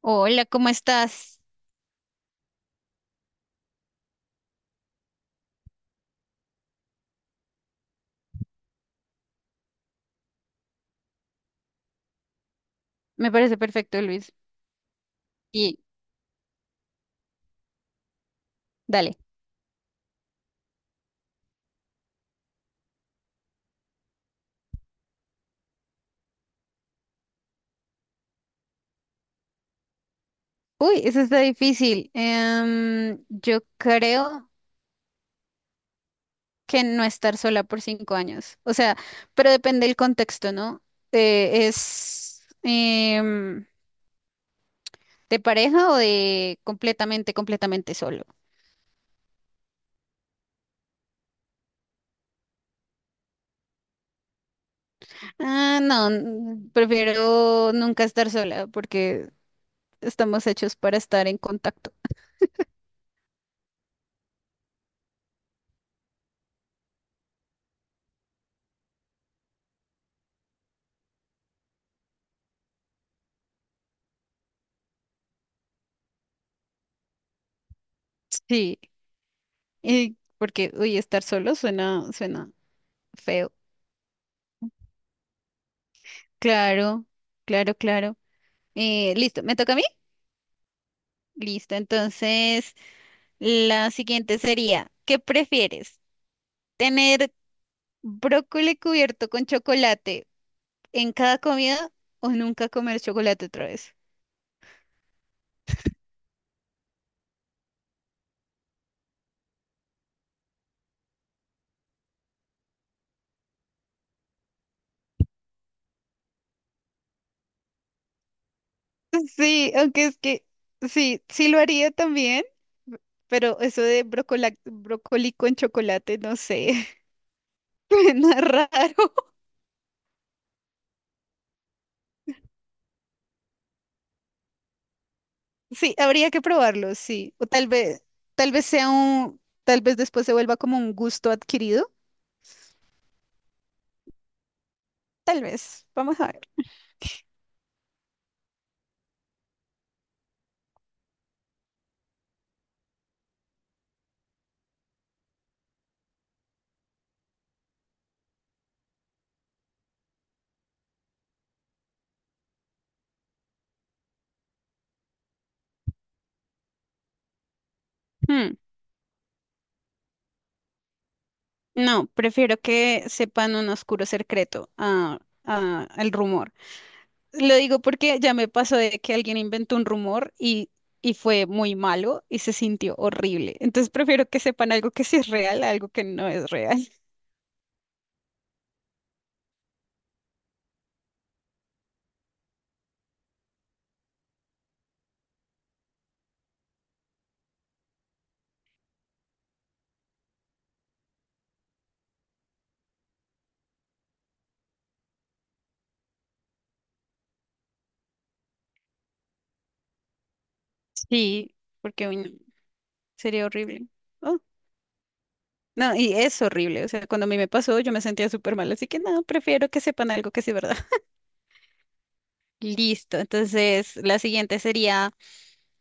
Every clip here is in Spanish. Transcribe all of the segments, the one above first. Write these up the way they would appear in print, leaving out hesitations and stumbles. Hola, ¿cómo estás? Me parece perfecto, Luis. Y dale. Uy, eso está difícil. Yo creo que no estar sola por 5 años. O sea, pero depende del contexto, ¿no? ¿Es de pareja o de completamente, completamente solo? Ah, no, prefiero nunca estar sola porque estamos hechos para estar en contacto. Sí, y porque, uy, estar solo suena, suena feo. Claro, claro, claro. Listo, ¿me toca a mí? Listo, entonces la siguiente sería, ¿qué prefieres? ¿Tener brócoli cubierto con chocolate en cada comida o nunca comer chocolate otra vez? Sí, aunque es que sí, sí lo haría también, pero eso de brócoli con chocolate, no sé, suena raro. Sí, habría que probarlo, sí. O tal vez sea un, tal vez después se vuelva como un gusto adquirido. Tal vez. Vamos a ver. Hmm, No, prefiero que sepan un oscuro secreto a, al rumor. Lo digo porque ya me pasó de que alguien inventó un rumor y fue muy malo y se sintió horrible. Entonces prefiero que sepan algo que sí es real, a algo que no es real. Sí, porque uy, no, sería horrible. No, y es horrible. O sea, cuando a mí me pasó, yo me sentía súper mal. Así que no, prefiero que sepan algo que sí, ¿verdad? Listo. Entonces, la siguiente sería,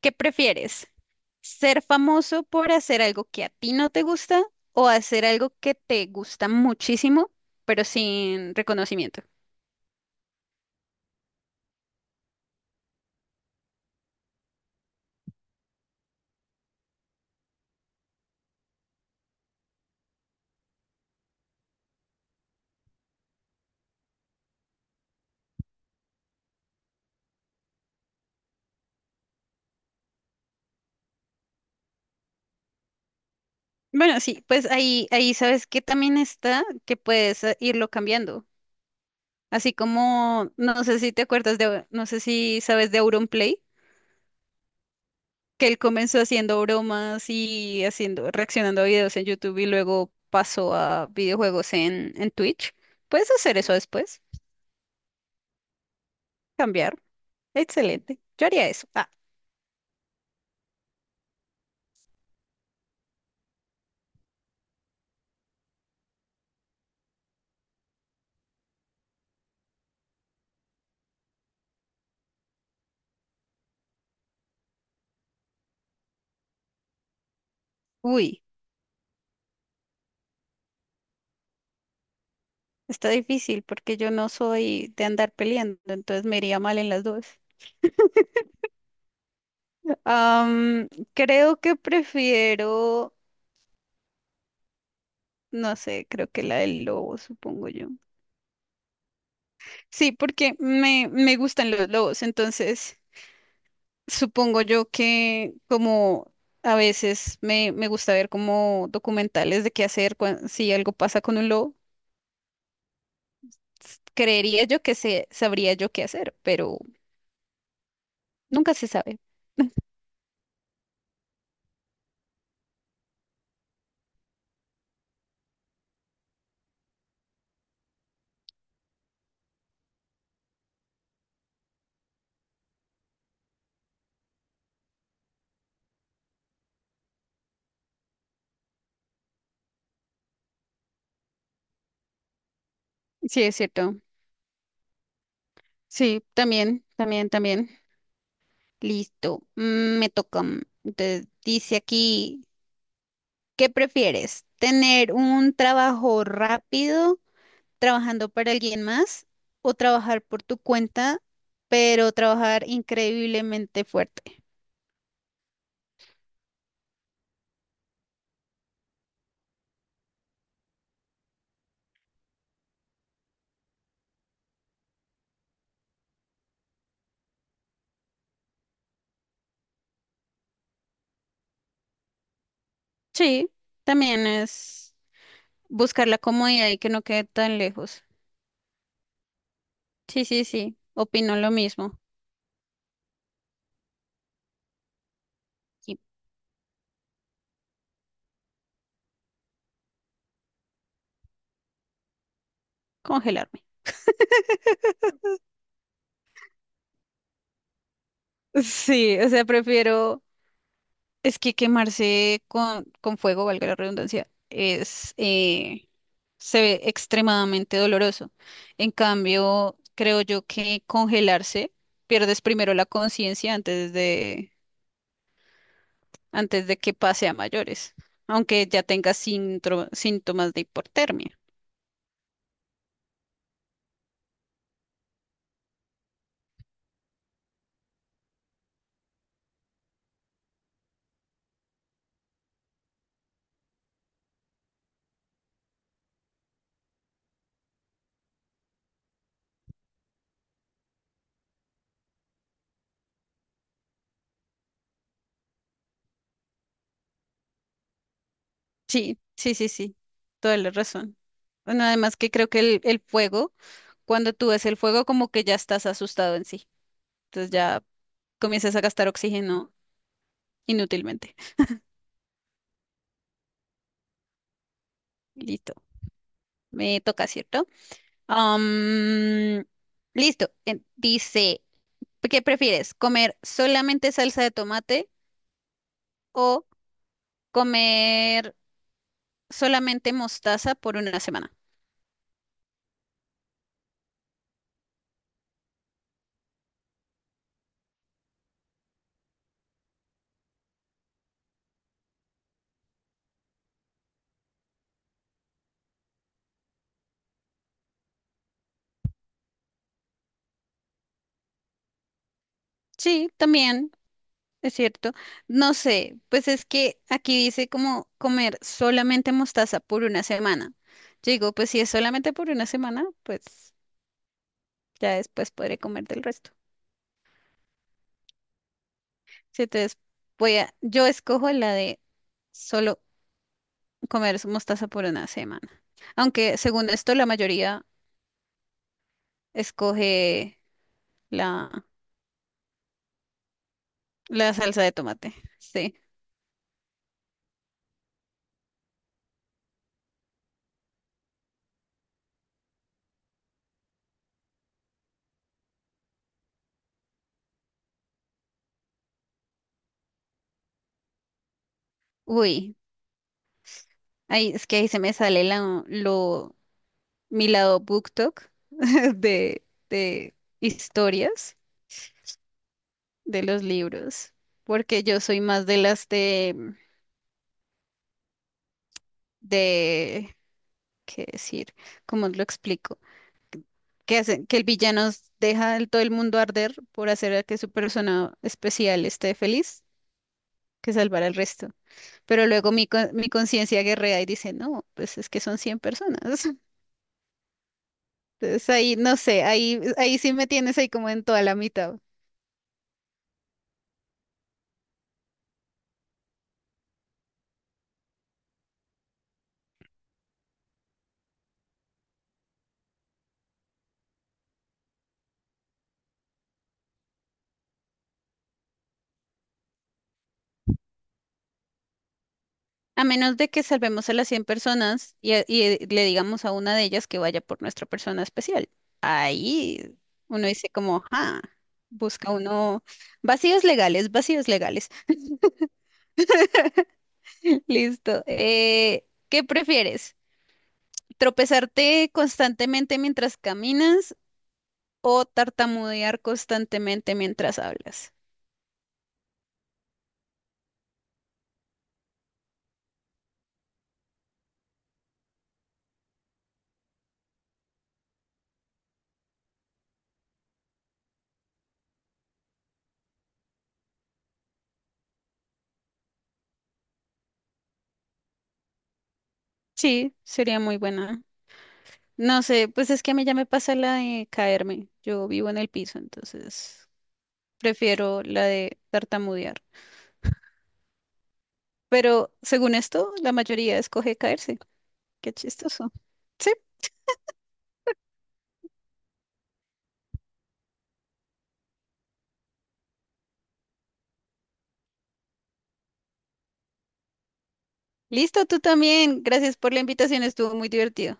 ¿qué prefieres? ¿Ser famoso por hacer algo que a ti no te gusta o hacer algo que te gusta muchísimo, pero sin reconocimiento? Bueno, sí, pues ahí sabes que también está que puedes irlo cambiando. Así como, no sé si te acuerdas de, no sé si sabes de Auronplay. Que él comenzó haciendo bromas y reaccionando a videos en YouTube y luego pasó a videojuegos en Twitch. Puedes hacer eso después, cambiar. Excelente. Yo haría eso. Ah, uy, está difícil porque yo no soy de andar peleando, entonces me iría mal en las dos. Am, creo que prefiero, no sé, creo que la del lobo, supongo yo. Sí, porque me gustan los lobos, entonces supongo yo que como a veces me gusta ver como documentales de qué hacer si algo pasa con un lobo, creería yo que sabría yo qué hacer, pero nunca se sabe. Sí, es cierto. Sí, también, también, también. Listo. Me toca. Mm. Entonces, dice aquí, ¿qué prefieres? ¿Tener un trabajo rápido trabajando para alguien más o trabajar por tu cuenta, pero trabajar increíblemente fuerte? Sí, también es buscar la comodidad y que no quede tan lejos. Sí, sí, sí, opino lo mismo. Y congelarme. Sí, o sea, prefiero, es que quemarse con fuego, valga la redundancia, se ve extremadamente doloroso. En cambio, creo yo que congelarse, pierdes primero la conciencia antes de que pase a mayores, aunque ya tenga síntomas de hipotermia. Sí, sí, sí, sí, toda la razón. Bueno, además que creo que el fuego, cuando tú ves el fuego, como que ya estás asustado en sí. Entonces ya comienzas a gastar oxígeno inútilmente. Listo. Me toca, ¿cierto? Am, listo. Dice, ¿qué prefieres? ¿Comer solamente salsa de tomate o comer solamente mostaza por una semana? Sí, también, es cierto. No sé, pues es que aquí dice como comer solamente mostaza por una semana. Yo digo, pues si es solamente por una semana, pues ya después podré comer del resto. Sí, entonces yo escojo la de solo comer su mostaza por una semana. Aunque según esto, la mayoría escoge la, la salsa de tomate. Sí. Uy, ahí es que ahí se me sale mi lado BookTok de, de historias de los libros, porque yo soy más de las de, ¿qué decir? ¿Cómo lo explico? Que el villano deja todo el mundo arder por hacer a que su persona especial esté feliz, que salvará al resto. Pero luego mi conciencia guerrea y dice, no, pues es que son 100 personas. Entonces ahí, no sé, ahí sí me tienes ahí como en toda la mitad. A menos de que salvemos a las 100 personas y, le digamos a una de ellas que vaya por nuestra persona especial. Ahí uno dice como, ah, busca uno vacíos legales, vacíos legales. Listo. ¿Qué prefieres? ¿Tropezarte constantemente mientras caminas o tartamudear constantemente mientras hablas? Sí, sería muy buena. No sé, pues es que a mí ya me pasa la de caerme. Yo vivo en el piso, entonces prefiero la de tartamudear. Pero según esto, la mayoría escoge caerse. Qué chistoso. Sí, listo, tú también. Gracias por la invitación, estuvo muy divertido.